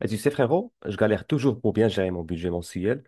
Et tu sais, frérot, je galère toujours pour bien gérer mon budget mensuel,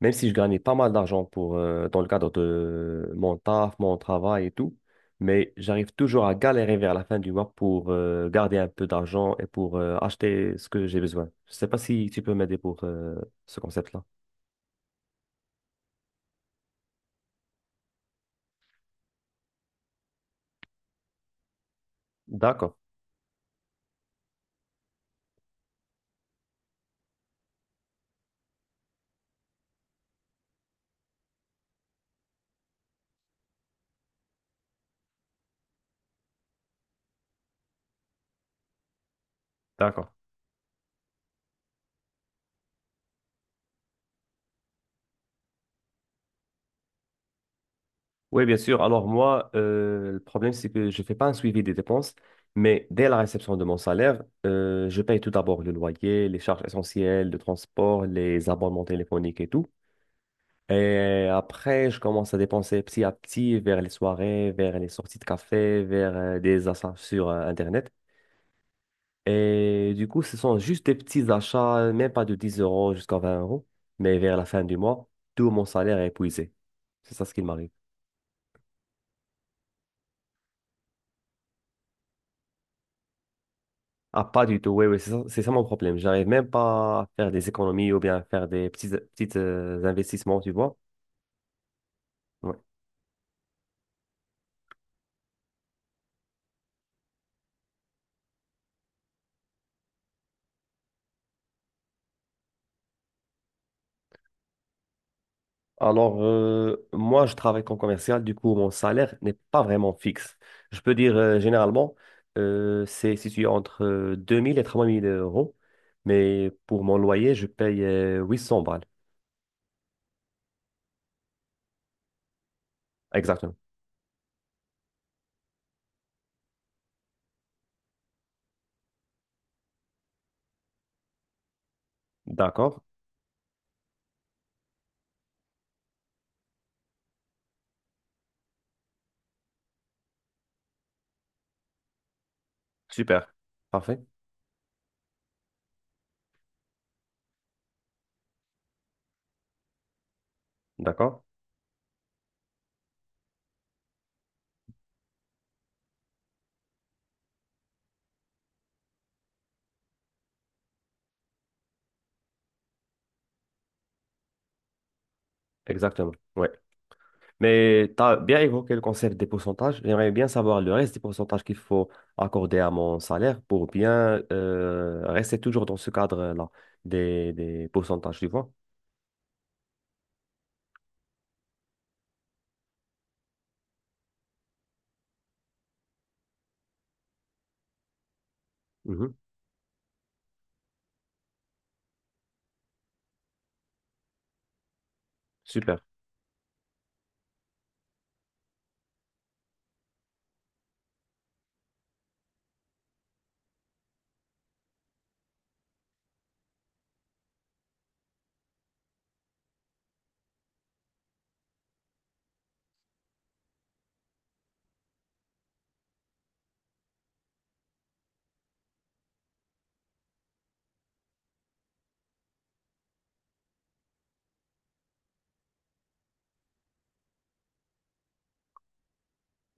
même si je gagnais pas mal d'argent pour, dans le cadre de mon taf, mon travail et tout. Mais j'arrive toujours à galérer vers la fin du mois pour garder un peu d'argent et pour acheter ce que j'ai besoin. Je sais pas si tu peux m'aider pour ce concept-là. D'accord, d'accord. Oui, bien sûr. Alors moi, le problème, c'est que je ne fais pas un suivi des dépenses, mais dès la réception de mon salaire, je paye tout d'abord le loyer, les charges essentielles, le transport, les abonnements téléphoniques et tout. Et après, je commence à dépenser petit à petit vers les soirées, vers les sorties de café, vers des achats sur Internet. Et du coup, ce sont juste des petits achats, même pas de 10 euros jusqu'à 20 euros, mais vers la fin du mois, tout mon salaire est épuisé. C'est ça ce qui m'arrive. Ah, pas du tout, oui, oui, c'est ça mon problème. J'arrive même pas à faire des économies ou bien à faire des petits investissements, tu vois. Ouais. Alors, moi, je travaille comme commercial, du coup, mon salaire n'est pas vraiment fixe. Je peux dire, généralement, c'est situé entre 2000 et 3000 euros, mais pour mon loyer, je paye 800 balles. Exactement. D'accord. Super. Parfait. D'accord. Exactement. Ouais. Mais tu as bien évoqué le concept des pourcentages. J'aimerais bien savoir le reste des pourcentages qu'il faut accorder à mon salaire pour bien rester toujours dans ce cadre-là des pourcentages, tu vois. Mhm. Super.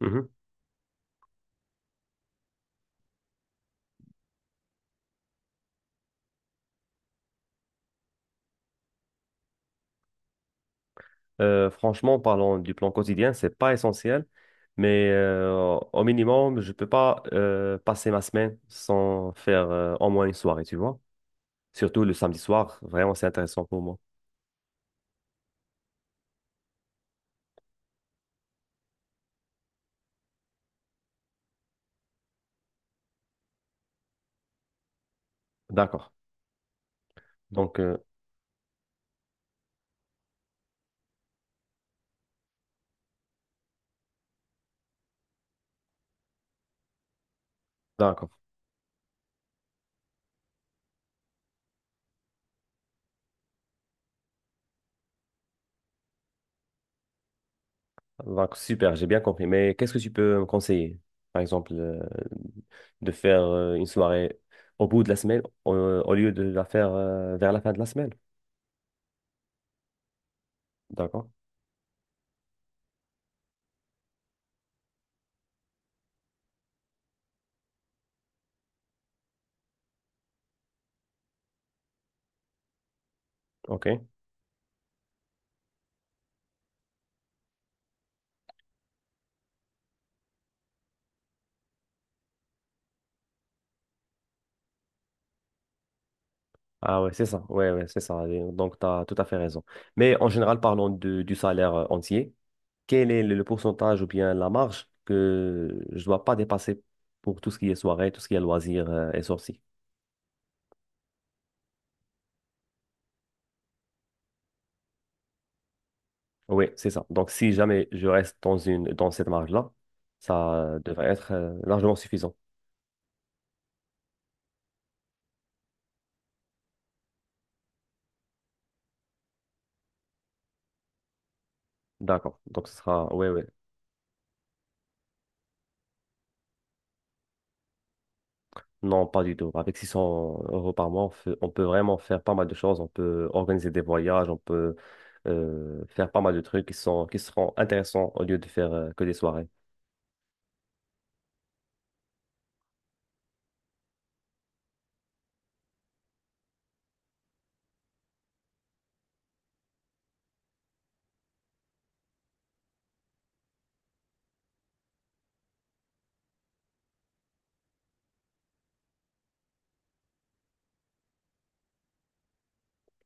Mhm. Franchement, parlant du plan quotidien, c'est pas essentiel, mais au minimum, je peux pas passer ma semaine sans faire au moins une soirée, tu vois. Surtout le samedi soir, vraiment, c'est intéressant pour moi. D'accord. Donc, euh, D'accord. Donc, super, j'ai bien compris. Mais qu'est-ce que tu peux me conseiller? Par exemple, de faire une soirée au bout de la semaine au lieu de la faire vers la fin de la semaine. D'accord. OK. Ah ouais, c'est ça. Ouais, ouais, c'est ça. Et donc, tu as tout à fait raison. Mais en général, parlons de- du salaire entier. Quel est le pourcentage ou bien la marge que je dois pas dépasser pour tout ce qui est soirée, tout ce qui est loisirs et sorties? Oui, c'est ça. Donc, si jamais je reste dans dans cette marge-là, ça devrait être largement suffisant. D'accord. Donc, ce sera, oui, oui. Non, pas du tout. Avec 600 euros par mois, on fait- on peut vraiment faire pas mal de choses. On peut organiser des voyages, on peut faire pas mal de trucs qui sont, qui seront intéressants au lieu de faire que des soirées.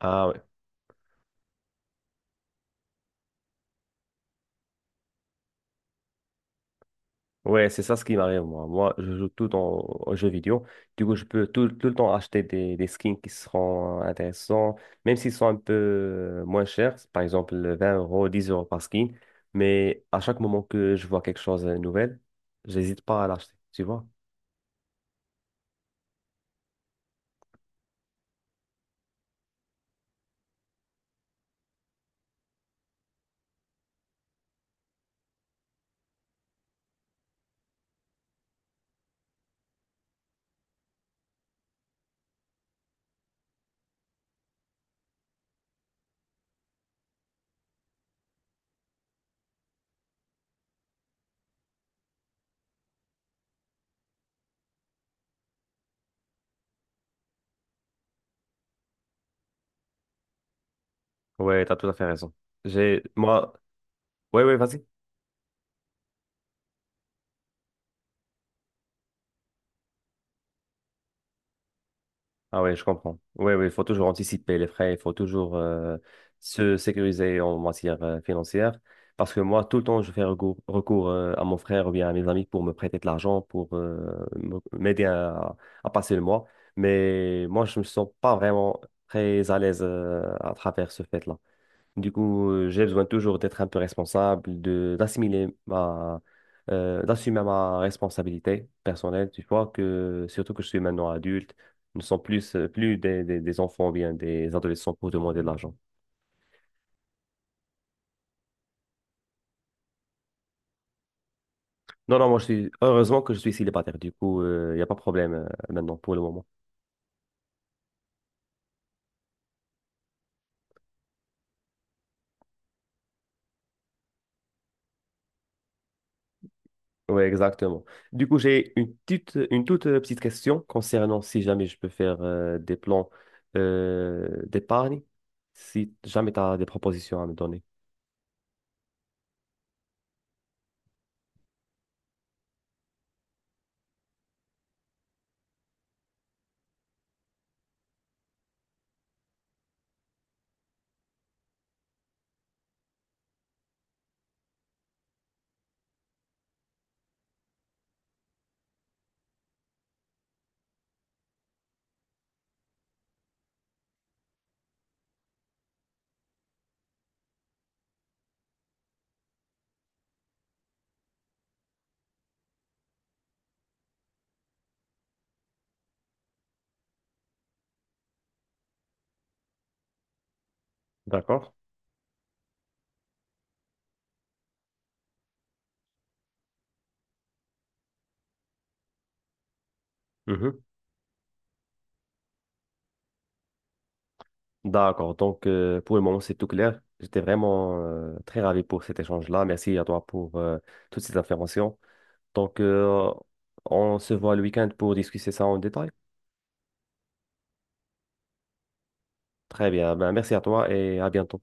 Ah oui. Ouais, c'est ça ce qui m'arrive, moi. Moi, je joue tout le temps aux jeux vidéo. Du coup, je peux tout le temps acheter des skins qui seront intéressants, même s'ils sont un peu moins chers, par exemple 20 euros, 10 euros par skin. Mais à chaque moment que je vois quelque chose de nouvel, j'hésite pas à l'acheter, tu vois? Ouais, t'as tout à fait raison. J'ai, moi, ouais, ouais, vas-y. Ah ouais, je comprends. Oui, oui, il faut toujours anticiper les frais, il faut toujours se sécuriser en matière financière. Parce que moi, tout le temps, je fais recours, à mon frère ou bien à mes amis pour me prêter de l'argent, pour me- m'aider à passer le mois. Mais moi, je ne me sens pas vraiment très à l'aise à travers ce fait-là. Du coup, j'ai besoin toujours d'être un peu responsable, de d'assumer ma responsabilité personnelle. Tu vois que surtout que je suis maintenant adulte, nous ne sommes plus plus des enfants ou bien des adolescents pour demander de l'argent. Non, non, moi je suis heureusement que je suis célibataire. Du coup, il n'y a pas de problème maintenant pour le moment. Oui, exactement. Du coup, j'ai une toute petite question concernant si jamais je peux faire des plans d'épargne, si jamais tu as des propositions à me donner. D'accord? Mhm. D'accord. Donc, pour le moment, c'est tout clair. J'étais vraiment très ravi pour cet échange-là. Merci à toi pour toutes ces informations. Donc, euh, on se voit le week-end pour discuter ça en détail. Très bien. Ben, merci à toi et à bientôt.